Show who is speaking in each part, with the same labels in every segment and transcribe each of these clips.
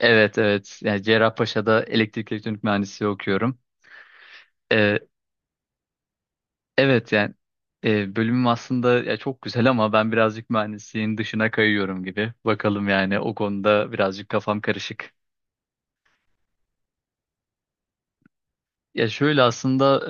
Speaker 1: Evet evet. Yani Cerrahpaşa'da elektrik elektronik mühendisliği okuyorum. Ee, evet yani bölümüm aslında ya çok güzel ama ben birazcık mühendisliğin dışına kayıyorum gibi. Bakalım yani o konuda birazcık kafam karışık. Ya şöyle aslında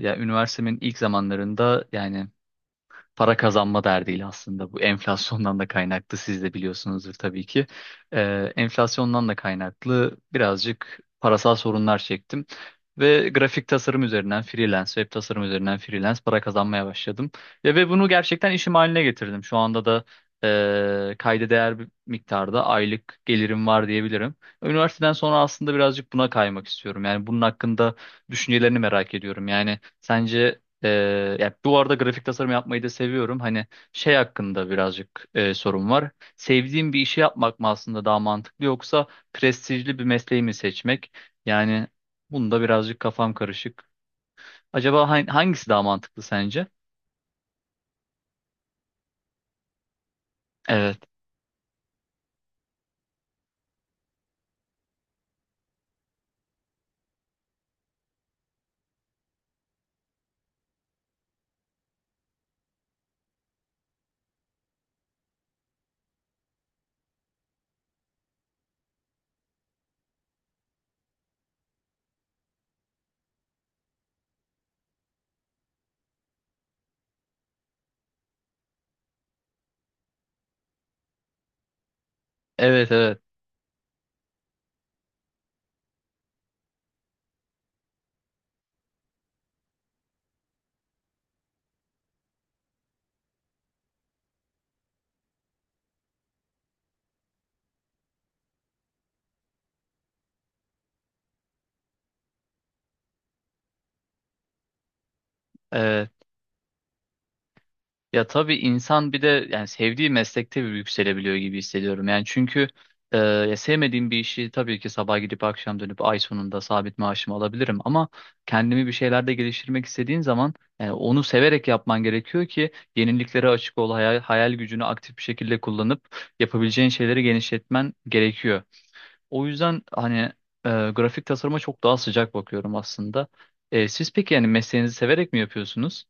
Speaker 1: ya üniversitemin ilk zamanlarında yani para kazanma derdiyle aslında bu enflasyondan da kaynaklı siz de biliyorsunuzdur tabii ki. Enflasyondan da kaynaklı birazcık parasal sorunlar çektim. Ve grafik tasarım üzerinden freelance, web tasarım üzerinden freelance para kazanmaya başladım. Ve bunu gerçekten işim haline getirdim. Şu anda da kayda değer bir miktarda aylık gelirim var diyebilirim. Üniversiteden sonra aslında birazcık buna kaymak istiyorum. Yani bunun hakkında düşüncelerini merak ediyorum. Yani sence ee, ya bu arada grafik tasarım yapmayı da seviyorum. Hani şey hakkında birazcık sorun var. Sevdiğim bir işi yapmak mı aslında daha mantıklı yoksa prestijli bir mesleği mi seçmek? Yani bunda birazcık kafam karışık. Acaba hangisi daha mantıklı sence? Evet. Evet, evet. Evet. Ya tabii insan bir de yani sevdiği meslekte bir yükselebiliyor gibi hissediyorum. Yani çünkü ya sevmediğim bir işi tabii ki sabah gidip akşam dönüp ay sonunda sabit maaşımı alabilirim. Ama kendimi bir şeylerde geliştirmek istediğin zaman yani onu severek yapman gerekiyor ki yeniliklere açık ol, hayal gücünü aktif bir şekilde kullanıp yapabileceğin şeyleri genişletmen gerekiyor. O yüzden hani e, grafik tasarıma çok daha sıcak bakıyorum aslında. Siz peki yani mesleğinizi severek mi yapıyorsunuz?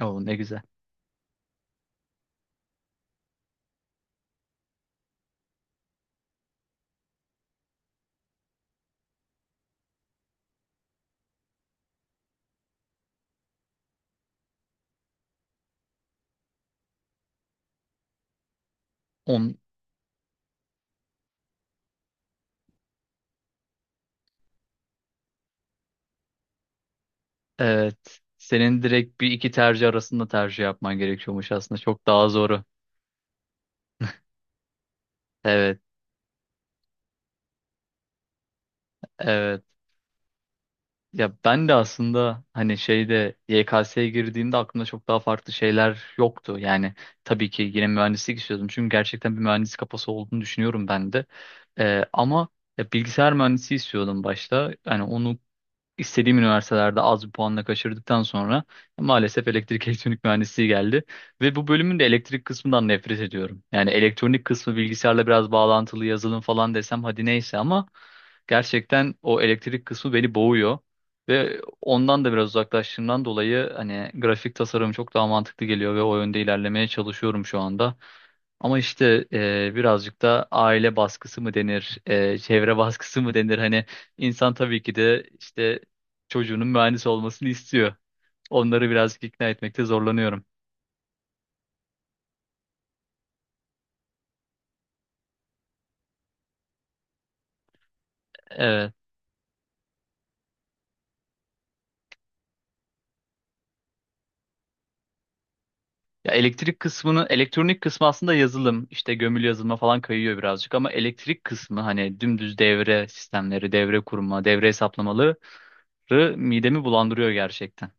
Speaker 1: Oo, ne güzel. Evet. Senin direkt bir iki tercih arasında tercih yapman gerekiyormuş aslında. Çok daha zoru. Evet, evet. Ya ben de aslında hani şeyde YKS'ye girdiğimde aklımda çok daha farklı şeyler yoktu. Yani tabii ki yine mühendislik istiyordum. Çünkü gerçekten bir mühendis kafası olduğunu düşünüyorum ben de. Ama ya bilgisayar mühendisi istiyordum başta. Yani onu istediğim üniversitelerde az bir puanla kaçırdıktan sonra maalesef elektrik elektronik mühendisliği geldi. Ve bu bölümün de elektrik kısmından nefret ediyorum. Yani elektronik kısmı bilgisayarla biraz bağlantılı yazılım falan desem hadi neyse ama gerçekten o elektrik kısmı beni boğuyor. Ve ondan da biraz uzaklaştığımdan dolayı hani grafik tasarım çok daha mantıklı geliyor ve o yönde ilerlemeye çalışıyorum şu anda. Ama işte birazcık da aile baskısı mı denir, çevre baskısı mı denir? Hani insan tabii ki de işte çocuğunun mühendis olmasını istiyor. Onları birazcık ikna etmekte zorlanıyorum. Evet. Ya elektrik kısmını, elektronik kısmı aslında yazılım, işte gömülü yazılıma falan kayıyor birazcık ama elektrik kısmı hani dümdüz devre sistemleri, devre kurma, devre hesaplamaları midemi bulandırıyor gerçekten.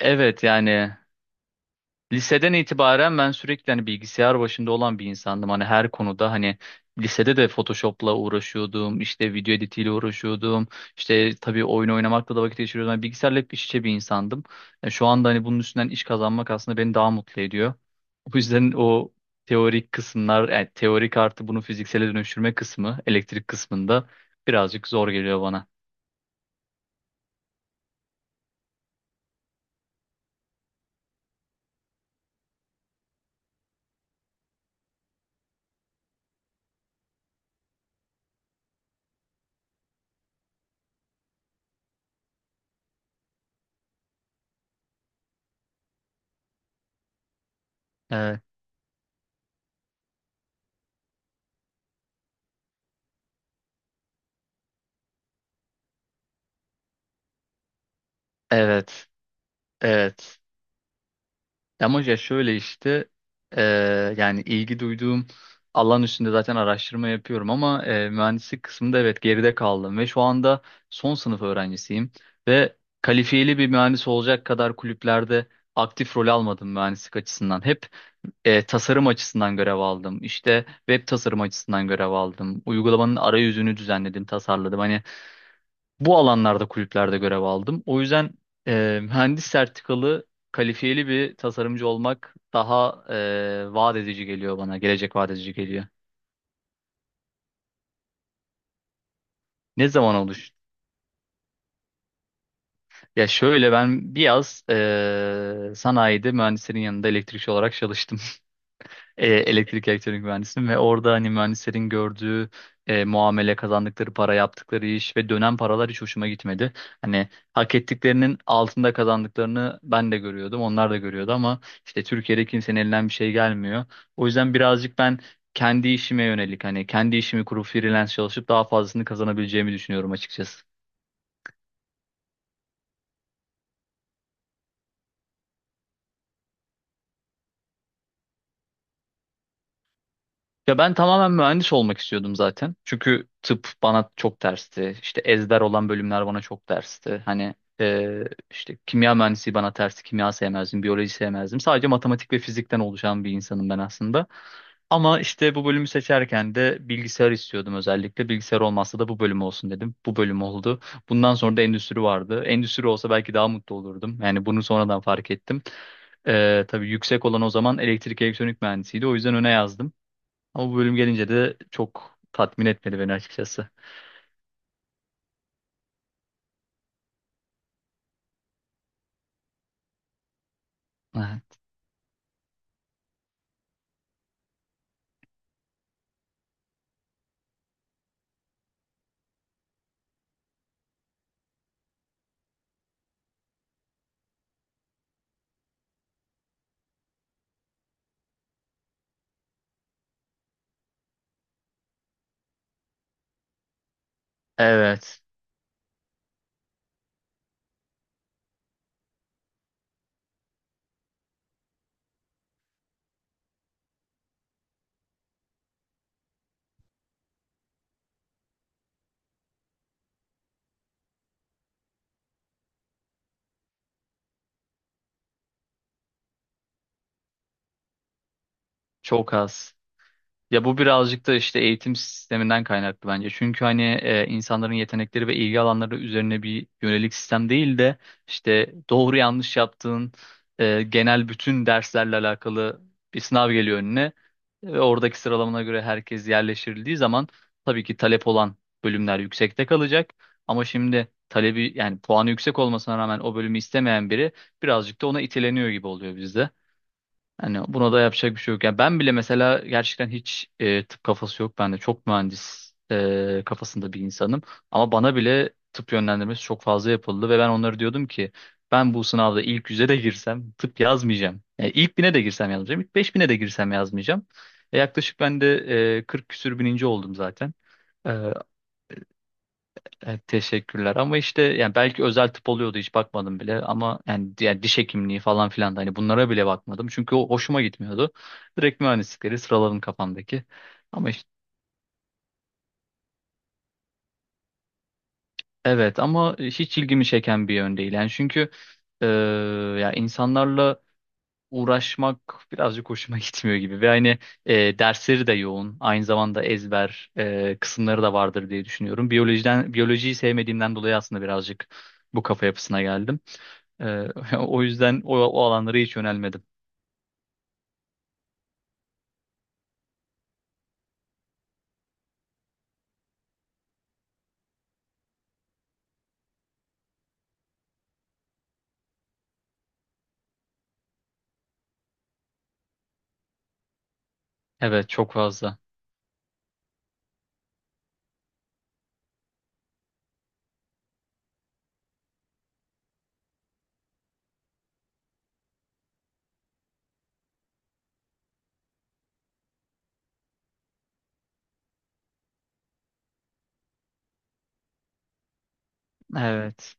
Speaker 1: Evet yani liseden itibaren ben sürekli hani bilgisayar başında olan bir insandım. Hani her konuda hani lisede de Photoshop'la uğraşıyordum, işte video editiyle uğraşıyordum. İşte tabii oyun oynamakla da vakit geçiriyordum. Yani bilgisayarla hep iç içe bir insandım. Yani şu anda hani bunun üstünden iş kazanmak aslında beni daha mutlu ediyor. O yüzden o teorik kısımlar, yani teorik artı bunu fiziksele dönüştürme kısmı, elektrik kısmında birazcık zor geliyor bana. Evet, evet, evet. Ama ya şöyle işte e, yani ilgi duyduğum alan üstünde zaten araştırma yapıyorum ama mühendislik kısmında evet geride kaldım ve şu anda son sınıf öğrencisiyim ve kalifiyeli bir mühendis olacak kadar kulüplerde aktif rol almadım mühendislik açısından. Hep tasarım açısından görev aldım. İşte web tasarım açısından görev aldım. Uygulamanın arayüzünü düzenledim, tasarladım. Hani bu alanlarda kulüplerde görev aldım. O yüzden mühendis sertifikalı kalifiyeli bir tasarımcı olmak daha vaat edici geliyor bana. Gelecek vaat edici geliyor. Ne zaman olur? Ya şöyle ben bir yaz sanayide mühendislerin yanında elektrikçi olarak çalıştım. Elektrik elektronik mühendisiyim ve orada hani mühendislerin gördüğü muamele, kazandıkları para, yaptıkları iş ve dönen paralar hiç hoşuma gitmedi. Hani hak ettiklerinin altında kazandıklarını ben de görüyordum, onlar da görüyordu ama işte Türkiye'de kimsenin elinden bir şey gelmiyor. O yüzden birazcık ben kendi işime yönelik hani kendi işimi kurup freelance çalışıp daha fazlasını kazanabileceğimi düşünüyorum açıkçası. Ya ben tamamen mühendis olmak istiyordum zaten. Çünkü tıp bana çok tersti. İşte ezber olan bölümler bana çok tersti. Hani e, işte kimya mühendisi bana tersti. Kimya sevmezdim, biyoloji sevmezdim. Sadece matematik ve fizikten oluşan bir insanım ben aslında. Ama işte bu bölümü seçerken de bilgisayar istiyordum özellikle. Bilgisayar olmazsa da bu bölüm olsun dedim. Bu bölüm oldu. Bundan sonra da endüstri vardı. Endüstri olsa belki daha mutlu olurdum. Yani bunu sonradan fark ettim. Tabii yüksek olan o zaman elektrik elektronik mühendisiydi. O yüzden öne yazdım. Ama bu bölüm gelince de çok tatmin etmedi beni açıkçası. Evet. Evet. Çok az. Ya bu birazcık da işte eğitim sisteminden kaynaklı bence. Çünkü hani insanların yetenekleri ve ilgi alanları üzerine bir yönelik sistem değil de işte doğru yanlış yaptığın genel bütün derslerle alakalı bir sınav geliyor önüne. Ve oradaki sıralamana göre herkes yerleştirildiği zaman tabii ki talep olan bölümler yüksekte kalacak. Ama şimdi talebi yani puanı yüksek olmasına rağmen o bölümü istemeyen biri birazcık da ona iteleniyor gibi oluyor bizde. Hani buna da yapacak bir şey yok. Yani ben bile mesela gerçekten hiç tıp kafası yok. Ben de çok mühendis kafasında bir insanım. Ama bana bile tıp yönlendirmesi çok fazla yapıldı ve ben onlara diyordum ki ben bu sınavda ilk yüze de girsem tıp yazmayacağım. Yani ilk bine de girsem yazmayacağım. İlk beş bine de girsem yazmayacağım. Yaklaşık ben de 40 küsür bininci oldum zaten. E, Evet, teşekkürler ama işte yani belki özel tıp oluyordu hiç bakmadım bile ama yani diğer diş hekimliği falan filan da hani bunlara bile bakmadım çünkü o hoşuma gitmiyordu. Direkt mühendislikleri sıraladım kafamdaki. Ama işte evet ama hiç ilgimi çeken bir yön değil yani çünkü e, ya insanlarla uğraşmak birazcık hoşuma gitmiyor gibi ve hani dersleri de yoğun aynı zamanda ezber kısımları da vardır diye düşünüyorum. Biyolojiden biyolojiyi sevmediğimden dolayı aslında birazcık bu kafa yapısına geldim. E, o yüzden o alanlara hiç yönelmedim. Evet çok fazla. Evet.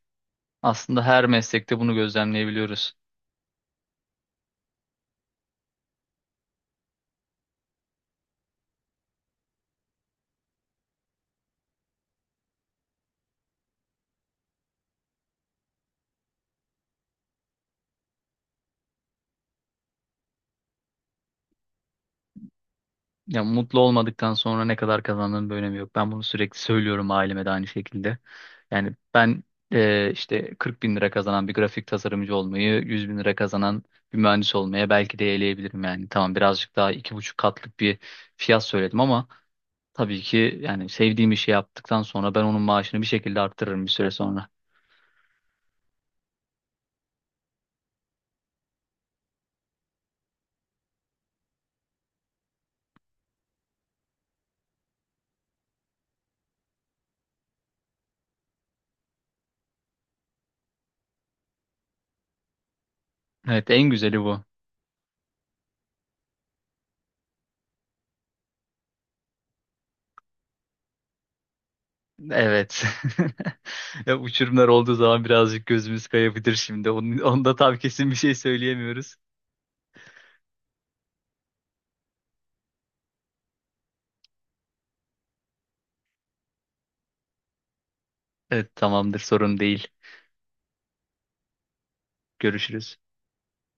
Speaker 1: Aslında her meslekte bunu gözlemleyebiliyoruz. Ya mutlu olmadıktan sonra ne kadar kazandığının bir önemi yok. Ben bunu sürekli söylüyorum aileme de aynı şekilde. Yani ben işte 40 bin lira kazanan bir grafik tasarımcı olmayı, 100 bin lira kazanan bir mühendis olmaya belki de eleyebilirim yani. Tamam birazcık daha iki buçuk katlık bir fiyat söyledim ama tabii ki yani sevdiğim işi yaptıktan sonra ben onun maaşını bir şekilde arttırırım bir süre sonra. Evet en güzeli bu. Evet. Ya uçurumlar olduğu zaman birazcık gözümüz kayabilir şimdi. Onda tam kesin bir şey söyleyemiyoruz. Evet, tamamdır, sorun değil. Görüşürüz.